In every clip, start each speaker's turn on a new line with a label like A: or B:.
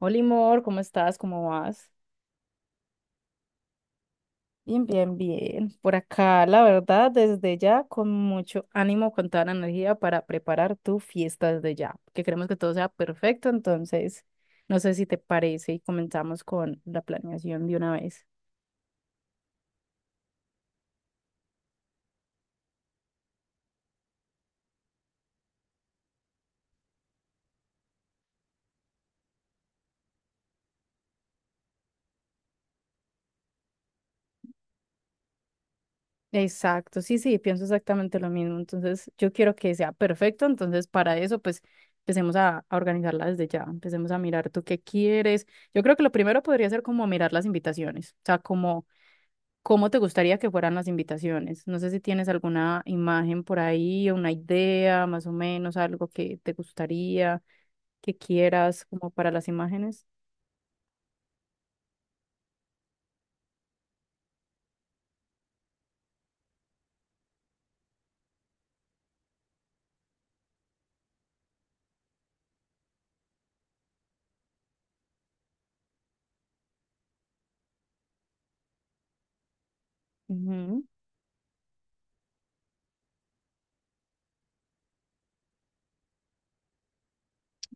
A: Hola, amor, ¿cómo estás? ¿Cómo vas? Bien. Por acá, la verdad, desde ya, con mucho ánimo, con toda la energía para preparar tu fiesta desde ya, que queremos que todo sea perfecto, entonces, no sé si te parece y comenzamos con la planeación de una vez. Exacto, sí, pienso exactamente lo mismo, entonces yo quiero que sea perfecto, entonces para eso, pues, empecemos a organizarla desde ya, empecemos a mirar tú qué quieres. Yo creo que lo primero podría ser como mirar las invitaciones, o sea, como... ¿Cómo te gustaría que fueran las invitaciones? No sé si tienes alguna imagen por ahí, una idea, más o menos, algo que te gustaría, que quieras como para las imágenes. Ujú.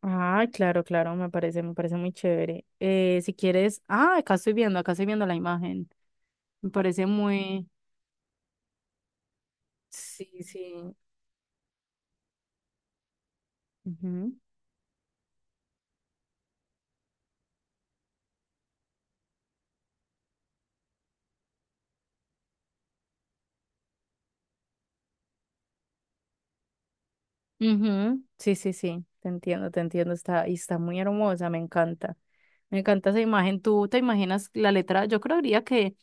A: Ah, claro, claro, me parece muy chévere. Si quieres, ah, acá estoy viendo la imagen. Me parece muy, sí, sí. Ujú. Ujú, sí, sí, sí, te entiendo, está, y está muy hermosa, me encanta esa imagen, tú te imaginas la letra, yo creería que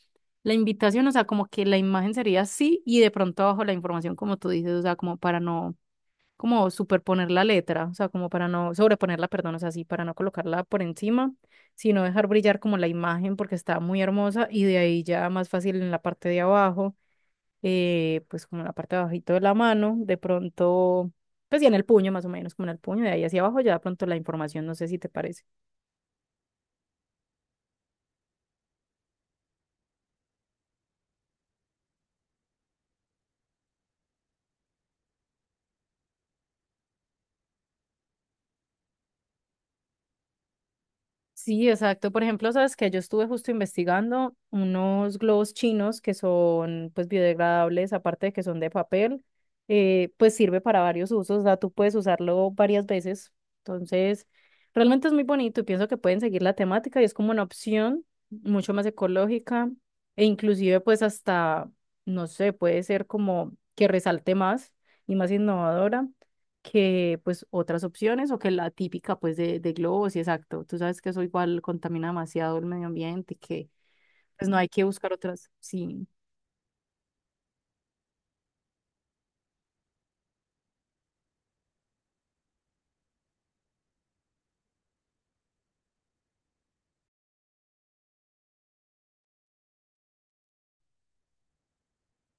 A: la invitación, o sea, como que la imagen sería así y de pronto abajo la información, como tú dices, o sea, como para no, como superponer la letra, o sea, como para no sobreponerla, perdón, o sea, así, para no colocarla por encima, sino dejar brillar como la imagen porque está muy hermosa y de ahí ya más fácil en la parte de abajo, pues como en la parte de abajito de la mano, de pronto, pues ya en el puño más o menos, como en el puño, de ahí hacia abajo, ya de pronto la información, no sé si te parece. Sí, exacto. Por ejemplo, sabes que yo estuve justo investigando unos globos chinos que son pues biodegradables, aparte de que son de papel, pues sirve para varios usos, o sea, tú puedes usarlo varias veces. Entonces, realmente es muy bonito y pienso que pueden seguir la temática y es como una opción mucho más ecológica e inclusive pues hasta, no sé, puede ser como que resalte más y más innovadora que pues otras opciones o que la típica pues de globos y exacto. Tú sabes que eso igual contamina demasiado el medio ambiente que pues no hay que buscar otras. Sí,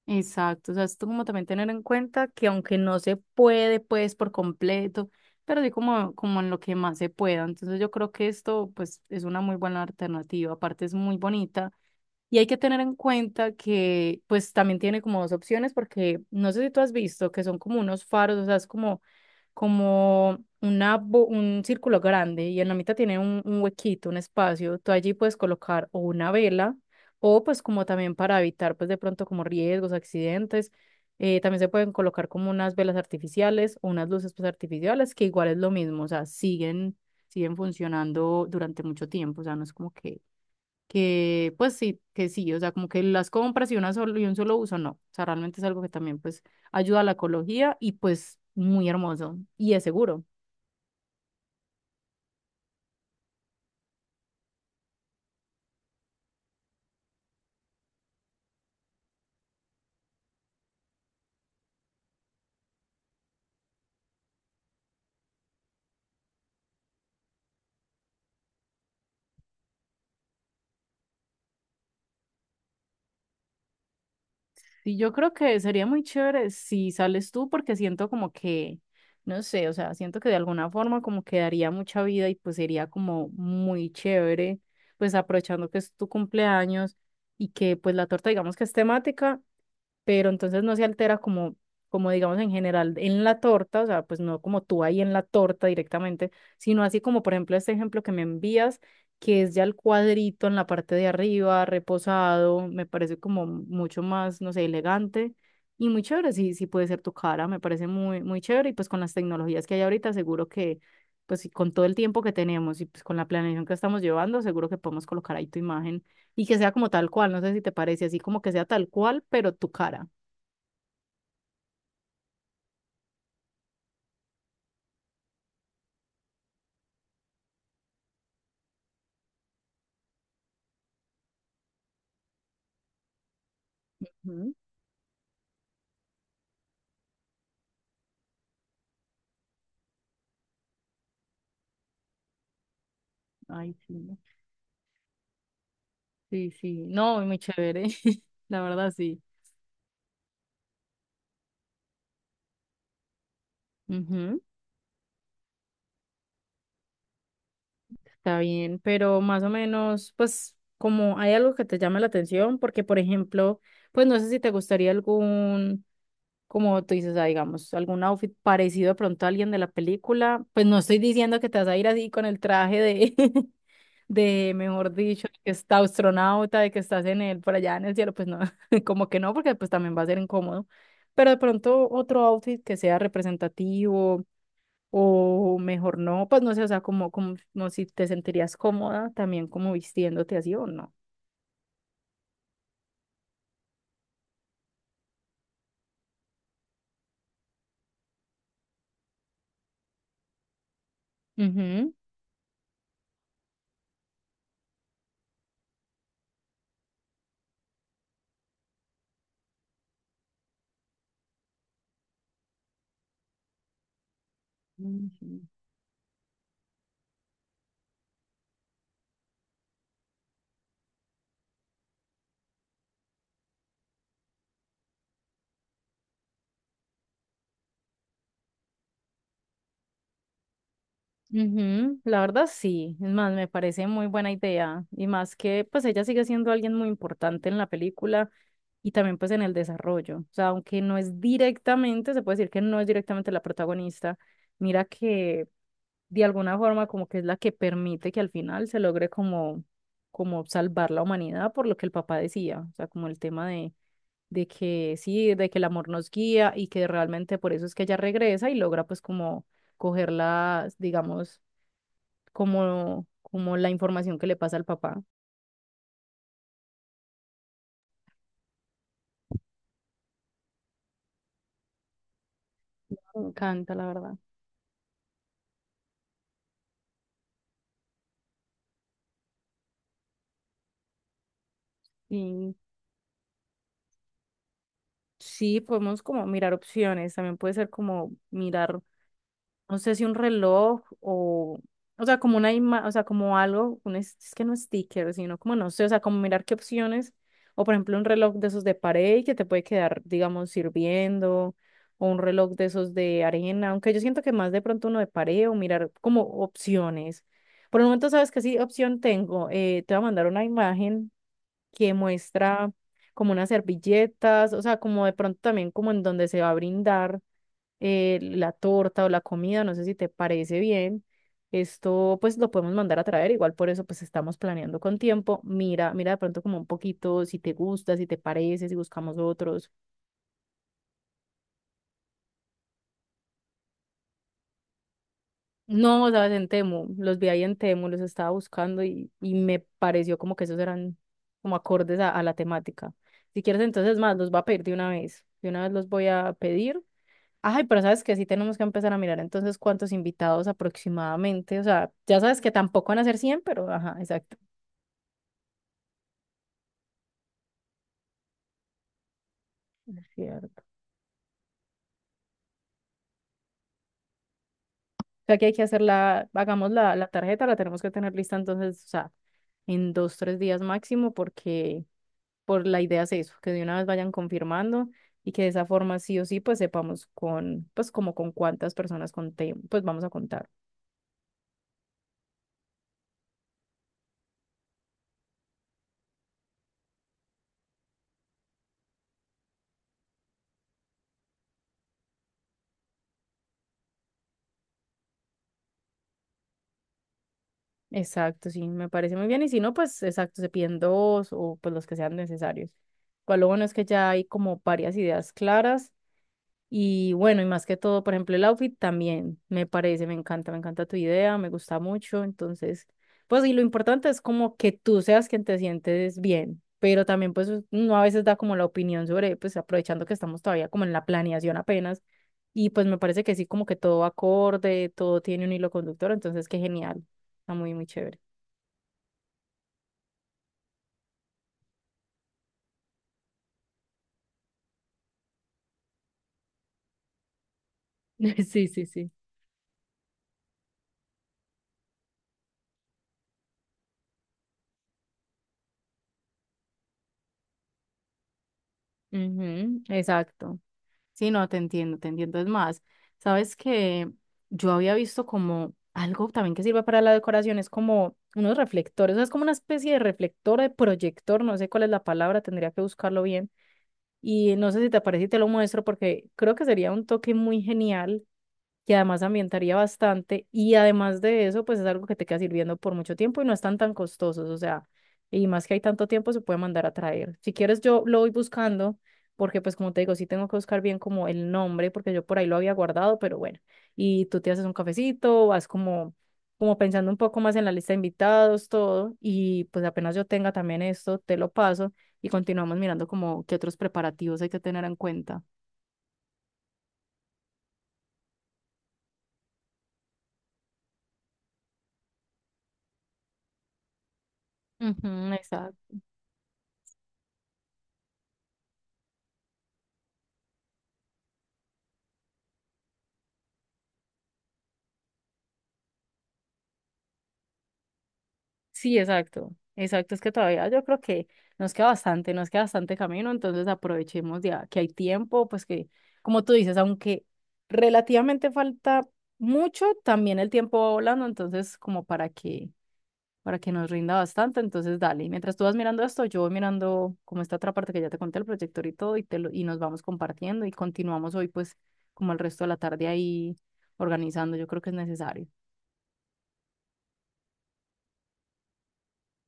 A: exacto. O sea, esto como también tener en cuenta que aunque no se puede pues por completo, pero sí como, como en lo que más se pueda. Entonces yo creo que esto pues es una muy buena alternativa. Aparte es muy bonita. Y hay que tener en cuenta que pues también tiene como dos opciones porque no sé si tú has visto que son como unos faros, o sea, es como como una, un círculo grande y en la mitad tiene un huequito, un espacio. Tú allí puedes colocar o una vela o pues como también para evitar pues de pronto como riesgos, accidentes. También se pueden colocar como unas velas artificiales o unas luces pues artificiales que igual es lo mismo, o sea, siguen, siguen funcionando durante mucho tiempo, o sea, no es como que pues sí, que sí, o sea, como que las compras y, una solo, y un solo uso, no. O sea, realmente es algo que también pues ayuda a la ecología y pues muy hermoso y es seguro. Y yo creo que sería muy chévere si sales tú porque siento como que, no sé, o sea, siento que de alguna forma como que daría mucha vida y pues sería como muy chévere, pues aprovechando que es tu cumpleaños y que pues la torta digamos que es temática pero entonces no se altera como, como digamos en general en la torta, o sea, pues no como tú ahí en la torta directamente, sino así como por ejemplo este ejemplo que me envías, que es ya el cuadrito en la parte de arriba, reposado, me parece como mucho más, no sé, elegante. Y muy chévere, sí, sí puede ser tu cara, me parece muy, muy chévere. Y pues con las tecnologías que hay ahorita, seguro que, pues y con todo el tiempo que tenemos y pues con la planeación que estamos llevando, seguro que podemos colocar ahí tu imagen y que sea como tal cual, no sé si te parece, así como que sea tal cual, pero tu cara. Ujú. Ay, sí. No. Sí, sí. No, muy chévere. La verdad, sí. Ujú. Está bien, pero más o menos, pues, como hay algo que te llame la atención, porque, por ejemplo, pues no sé si te gustaría algún, como tú dices, ah, digamos, algún outfit parecido de pronto a alguien de la película. Pues no estoy diciendo que te vas a ir así con el traje de, de, mejor dicho, que está astronauta, de que estás en el, por allá en el cielo, pues no, como que no, porque pues también va a ser incómodo. Pero de pronto otro outfit que sea representativo o mejor no, pues no sé, o sea, como si te sentirías cómoda también como vistiéndote así o no. Ujú. Ujú. Ujú, la verdad sí, es más, me parece muy buena idea y más que pues ella sigue siendo alguien muy importante en la película y también pues en el desarrollo, o sea, aunque no es directamente, se puede decir que no es directamente la protagonista, mira que de alguna forma como que es la que permite que al final se logre como, como salvar la humanidad por lo que el papá decía, o sea, como el tema de que sí, de que el amor nos guía y que realmente por eso es que ella regresa y logra pues como cogerla, digamos como, como la información que le pasa al papá. Me encanta, la verdad. Y sí, podemos como mirar opciones. También puede ser como mirar no sé si un reloj o sea, como una o sea, como algo, un es que no sticker, sino como no sé, o sea, como mirar qué opciones, o por ejemplo un reloj de esos de pared que te puede quedar, digamos, sirviendo, o un reloj de esos de arena, aunque yo siento que más de pronto uno de pared o mirar como opciones. Por el momento sabes que sí, opción tengo, te voy a mandar una imagen que muestra como unas servilletas, o sea, como de pronto también como en donde se va a brindar, la torta o la comida, no sé si te parece bien. Esto pues lo podemos mandar a traer, igual por eso pues estamos planeando con tiempo. Mira de pronto como un poquito si te gusta, si te parece, si buscamos otros. No, sabes, en Temu, los vi ahí en Temu, los estaba buscando y me pareció como que esos eran como acordes a la temática. Si quieres entonces más, los voy a pedir de una vez. De una vez los voy a pedir. Ay, pero sabes que sí tenemos que empezar a mirar entonces cuántos invitados aproximadamente. O sea, ya sabes que tampoco van a ser 100, pero ajá, exacto, cierto. O sea, que hay que hacer la, hagamos la, la tarjeta, la tenemos que tener lista entonces, o sea, en dos, tres días máximo, porque por la idea es eso, que de una vez vayan confirmando y que de esa forma sí o sí, pues sepamos con, pues como con cuántas personas contem, pues vamos a contar. Exacto, sí, me parece muy bien. Y si no, pues exacto, se piden dos o pues los que sean necesarios. Igual lo bueno es que ya hay como varias ideas claras. Y bueno, y más que todo, por ejemplo, el outfit también me parece, me encanta tu idea, me gusta mucho. Entonces, pues y lo importante es como que tú seas quien te sientes bien, pero también pues uno a veces da como la opinión sobre, pues aprovechando que estamos todavía como en la planeación apenas. Y pues me parece que sí, como que todo va acorde, todo tiene un hilo conductor, entonces qué genial, está muy, muy chévere. Sí, sí, sí. Ujú, exacto. Sí, no, te entiendo. Es más, sabes que yo había visto como algo también que sirve para la decoración, es como unos reflectores, o sea, es como una especie de reflector, de proyector, no sé cuál es la palabra, tendría que buscarlo bien. Y no sé si te parece y te lo muestro porque creo que sería un toque muy genial que además ambientaría bastante y además de eso, pues es algo que te queda sirviendo por mucho tiempo y no están tan costosos, o sea, y más que hay tanto tiempo se puede mandar a traer. Si quieres, yo lo voy buscando porque pues como te digo, sí tengo que buscar bien como el nombre porque yo por ahí lo había guardado, pero bueno, y tú te haces un cafecito, vas como como pensando un poco más en la lista de invitados, todo, y pues apenas yo tenga también esto, te lo paso y continuamos mirando como qué otros preparativos hay que tener en cuenta. Ujú, exacto. Sí, exacto, es que todavía yo creo que nos queda bastante camino, entonces aprovechemos ya que hay tiempo, pues que, como tú dices, aunque relativamente falta mucho, también el tiempo va volando, entonces como para que nos rinda bastante, entonces dale. Y mientras tú vas mirando esto, yo voy mirando como esta otra parte que ya te conté, el proyector y todo, y, te lo, y nos vamos compartiendo y continuamos hoy pues como el resto de la tarde ahí organizando, yo creo que es necesario.